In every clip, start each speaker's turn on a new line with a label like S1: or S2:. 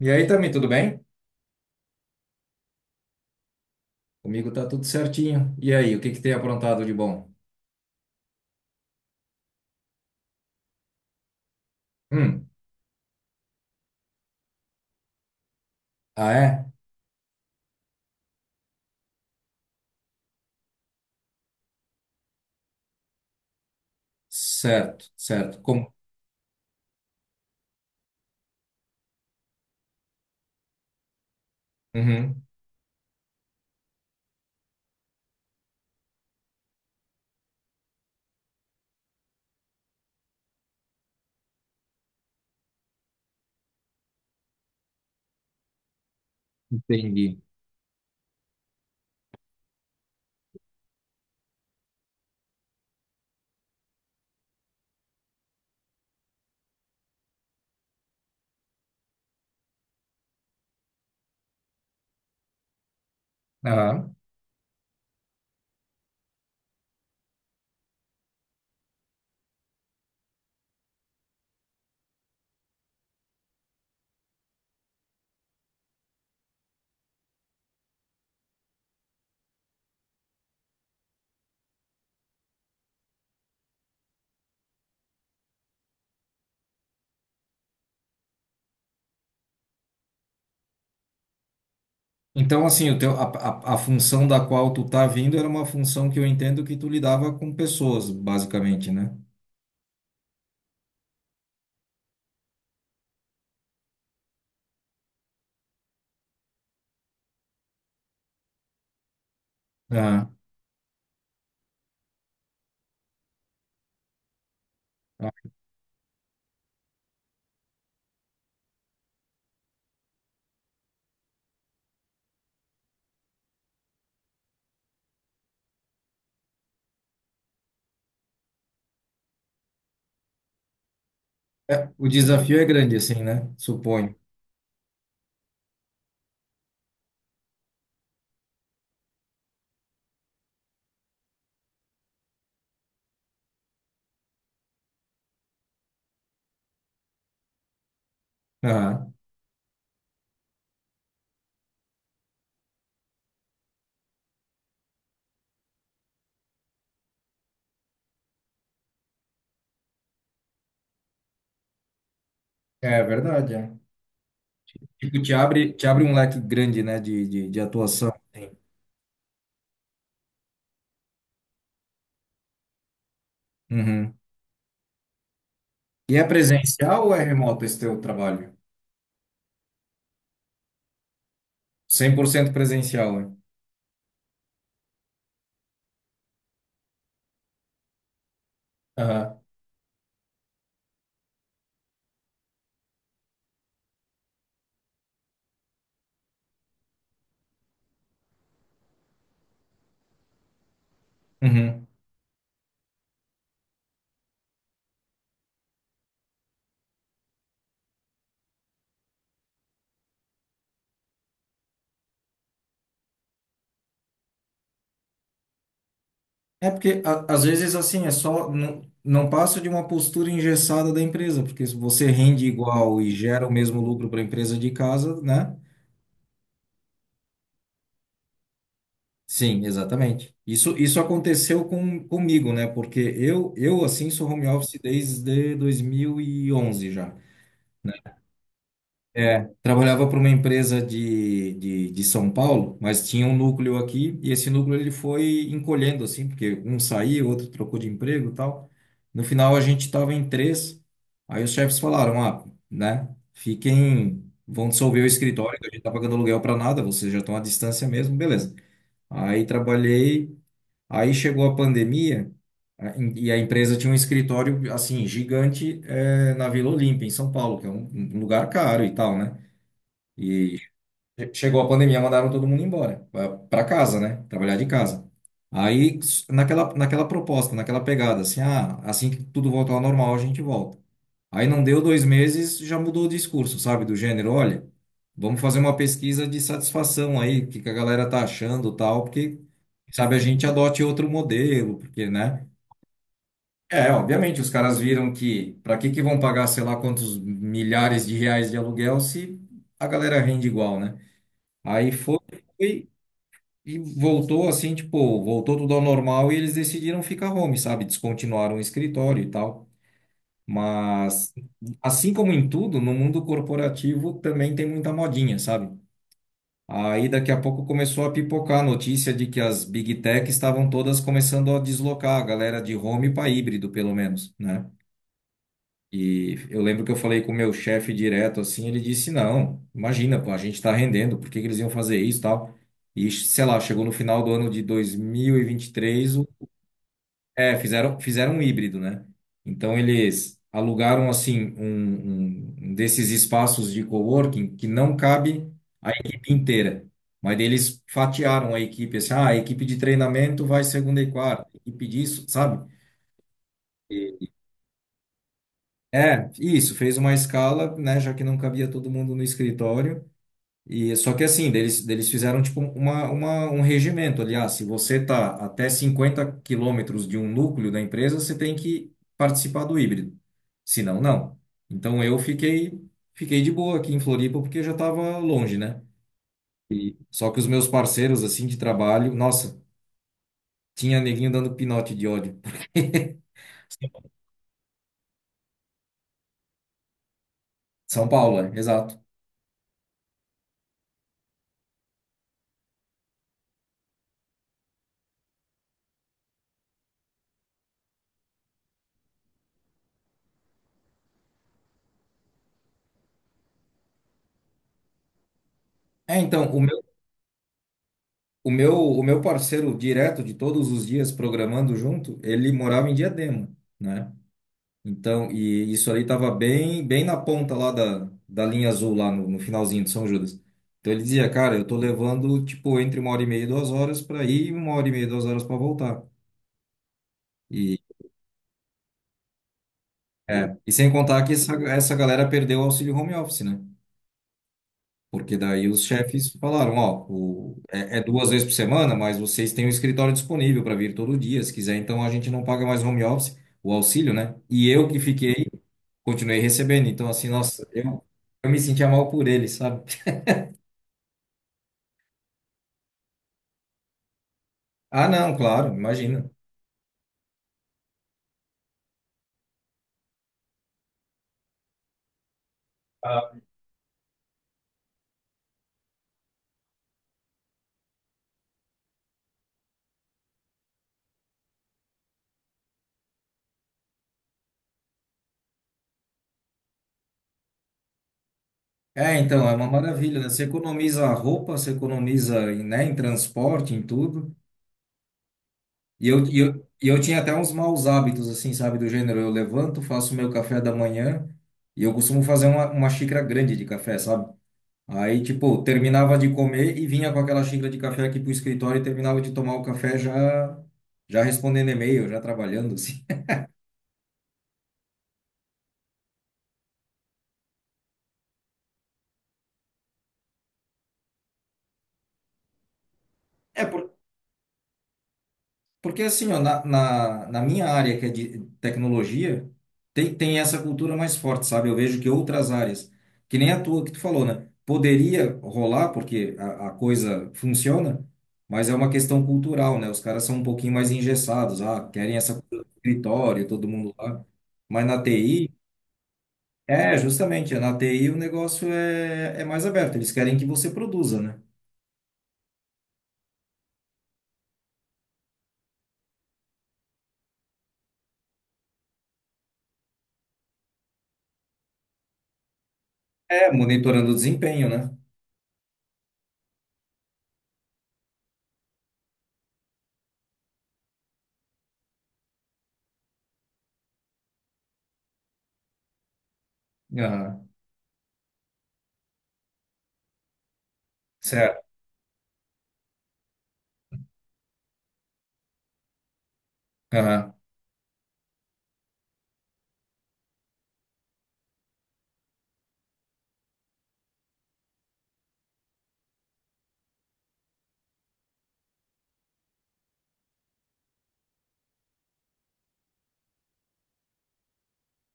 S1: E aí, Tami, tudo bem? Comigo tá tudo certinho. E aí, o que que tem aprontado de bom? Hum, ah, é? Certo, certo. Como? Uhum, entendi. Aham. Então, assim, o teu, a função da qual tu tá vindo era uma função que eu entendo que tu lidava com pessoas, basicamente, né? Aham. Ah, é, o desafio é grande, assim, né? Suponho. Aham. É verdade, é. Tipo, te abre um leque grande, né, de atuação. Sim. Uhum. E é presencial ou é remoto esse teu trabalho? Cem por cento presencial, hein? Aham. Uhum. É porque às vezes assim é só não passa de uma postura engessada da empresa, porque se você rende igual e gera o mesmo lucro para a empresa de casa, né? Sim, exatamente. Isso aconteceu comigo, né? Porque eu assim sou home office desde 2011 já. É, trabalhava para uma empresa de São Paulo, mas tinha um núcleo aqui, e esse núcleo ele foi encolhendo, assim, porque um saiu, outro trocou de emprego e tal. No final, a gente estava em três, aí os chefes falaram, ah, né, fiquem, vão dissolver o escritório, que a gente está pagando aluguel para nada, vocês já estão à distância mesmo, beleza. Aí trabalhei, aí chegou a pandemia, e a empresa tinha um escritório, assim, gigante, na Vila Olímpia, em São Paulo, que é um lugar caro e tal, né? E chegou a pandemia, mandaram todo mundo embora, para casa, né? Trabalhar de casa. Aí, naquela, naquela pegada, assim, ah, assim que tudo voltar ao normal, a gente volta. Aí não deu dois meses, já mudou o discurso, sabe? Do gênero, olha, vamos fazer uma pesquisa de satisfação aí, o que que a galera tá achando, tal, porque, sabe, a gente adote outro modelo, porque, né? É, obviamente, os caras viram que para que que vão pagar sei lá quantos milhares de reais de aluguel se a galera rende igual, né? Aí foi, foi e voltou assim, tipo, voltou tudo ao normal e eles decidiram ficar home, sabe? Descontinuaram o escritório e tal. Mas, assim como em tudo, no mundo corporativo também tem muita modinha, sabe? Aí daqui a pouco começou a pipocar a notícia de que as Big Tech estavam todas começando a deslocar a galera de home para híbrido, pelo menos, né? E eu lembro que eu falei com o meu chefe direto assim, ele disse: "Não, imagina, pô, a gente tá rendendo, por que que eles iam fazer isso, e tal?" E sei lá, chegou no final do ano de 2023, é, fizeram um híbrido, né? Então eles alugaram assim um desses espaços de coworking que não cabe a equipe inteira. Mas daí eles fatiaram a equipe assim, ah, a equipe de treinamento vai segunda e quarta, a equipe disso, sabe? É, isso, fez uma escala, né, já que não cabia todo mundo no escritório. E só que assim, deles fizeram tipo um regimento, aliás, se você tá até 50 quilômetros de um núcleo da empresa, você tem que participar do híbrido. Se não, não. Então eu fiquei fiquei de boa aqui em Floripa porque já estava longe, né? Só que os meus parceiros assim de trabalho, nossa, tinha neguinho dando pinote de ódio. São Paulo, é, exato. É, então, o meu parceiro direto de todos os dias programando junto, ele morava em Diadema, né? Então, e isso ali estava bem na ponta lá da, da linha azul, lá no, no finalzinho de São Judas. Então ele dizia, cara, eu tô levando, tipo, entre uma hora e meia e duas horas para ir e uma hora e meia e duas horas para voltar. E, é, e sem contar que essa galera perdeu o auxílio home office, né? Porque daí os chefes falaram, ó, é duas vezes por semana, mas vocês têm o escritório disponível para vir todo dia, se quiser, então a gente não paga mais home office, o auxílio, né? E eu que fiquei, continuei recebendo. Então, assim, nossa, eu me sentia mal por ele, sabe? Ah, não, claro, imagina. É, então, é uma maravilha, né? Você economiza roupa, você economiza, né, em transporte, em tudo. E e eu tinha até uns maus hábitos, assim, sabe? Do gênero, eu levanto, faço meu café da manhã e eu costumo fazer uma xícara grande de café, sabe? Aí, tipo, terminava de comer e vinha com aquela xícara de café aqui pro escritório e terminava de tomar o café já, já respondendo e-mail, já trabalhando, assim. É. Porque assim, ó, na minha área, que é de tecnologia, tem essa cultura mais forte, sabe? Eu vejo que outras áreas, que nem a tua que tu falou, né? Poderia rolar, porque a coisa funciona, mas é uma questão cultural, né? Os caras são um pouquinho mais engessados, ah, querem essa coisa do escritório, todo mundo lá. Mas na TI, é, justamente, na TI o negócio é, é mais aberto, eles querem que você produza, né? É, monitorando o desempenho, né? Aham, certo. Aham.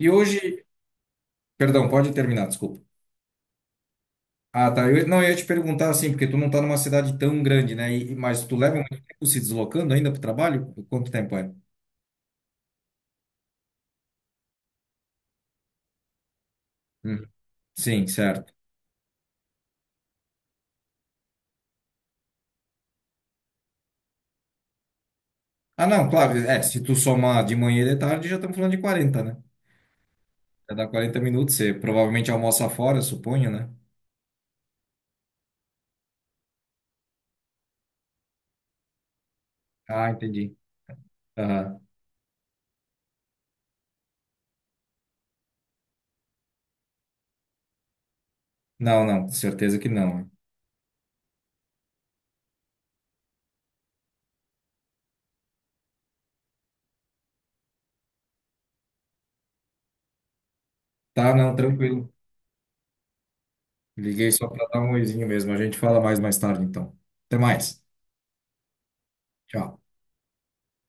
S1: E hoje, perdão, pode terminar, desculpa. Ah, tá. Eu, não, eu ia te perguntar assim, porque tu não tá numa cidade tão grande, né? E, mas tu leva muito tempo se deslocando ainda pro trabalho? Quanto tempo é? Hum, Sim, certo. Ah, não, claro. É, se tu somar de manhã e de tarde, já estamos falando de 40, né? Já dá 40 minutos. Você provavelmente almoça fora, suponho, né? Ah, entendi. Aham. Não, não, certeza que não. Tá, não, tranquilo. Liguei só para dar um oizinho mesmo. A gente fala mais tarde, então. Até mais. Tchau.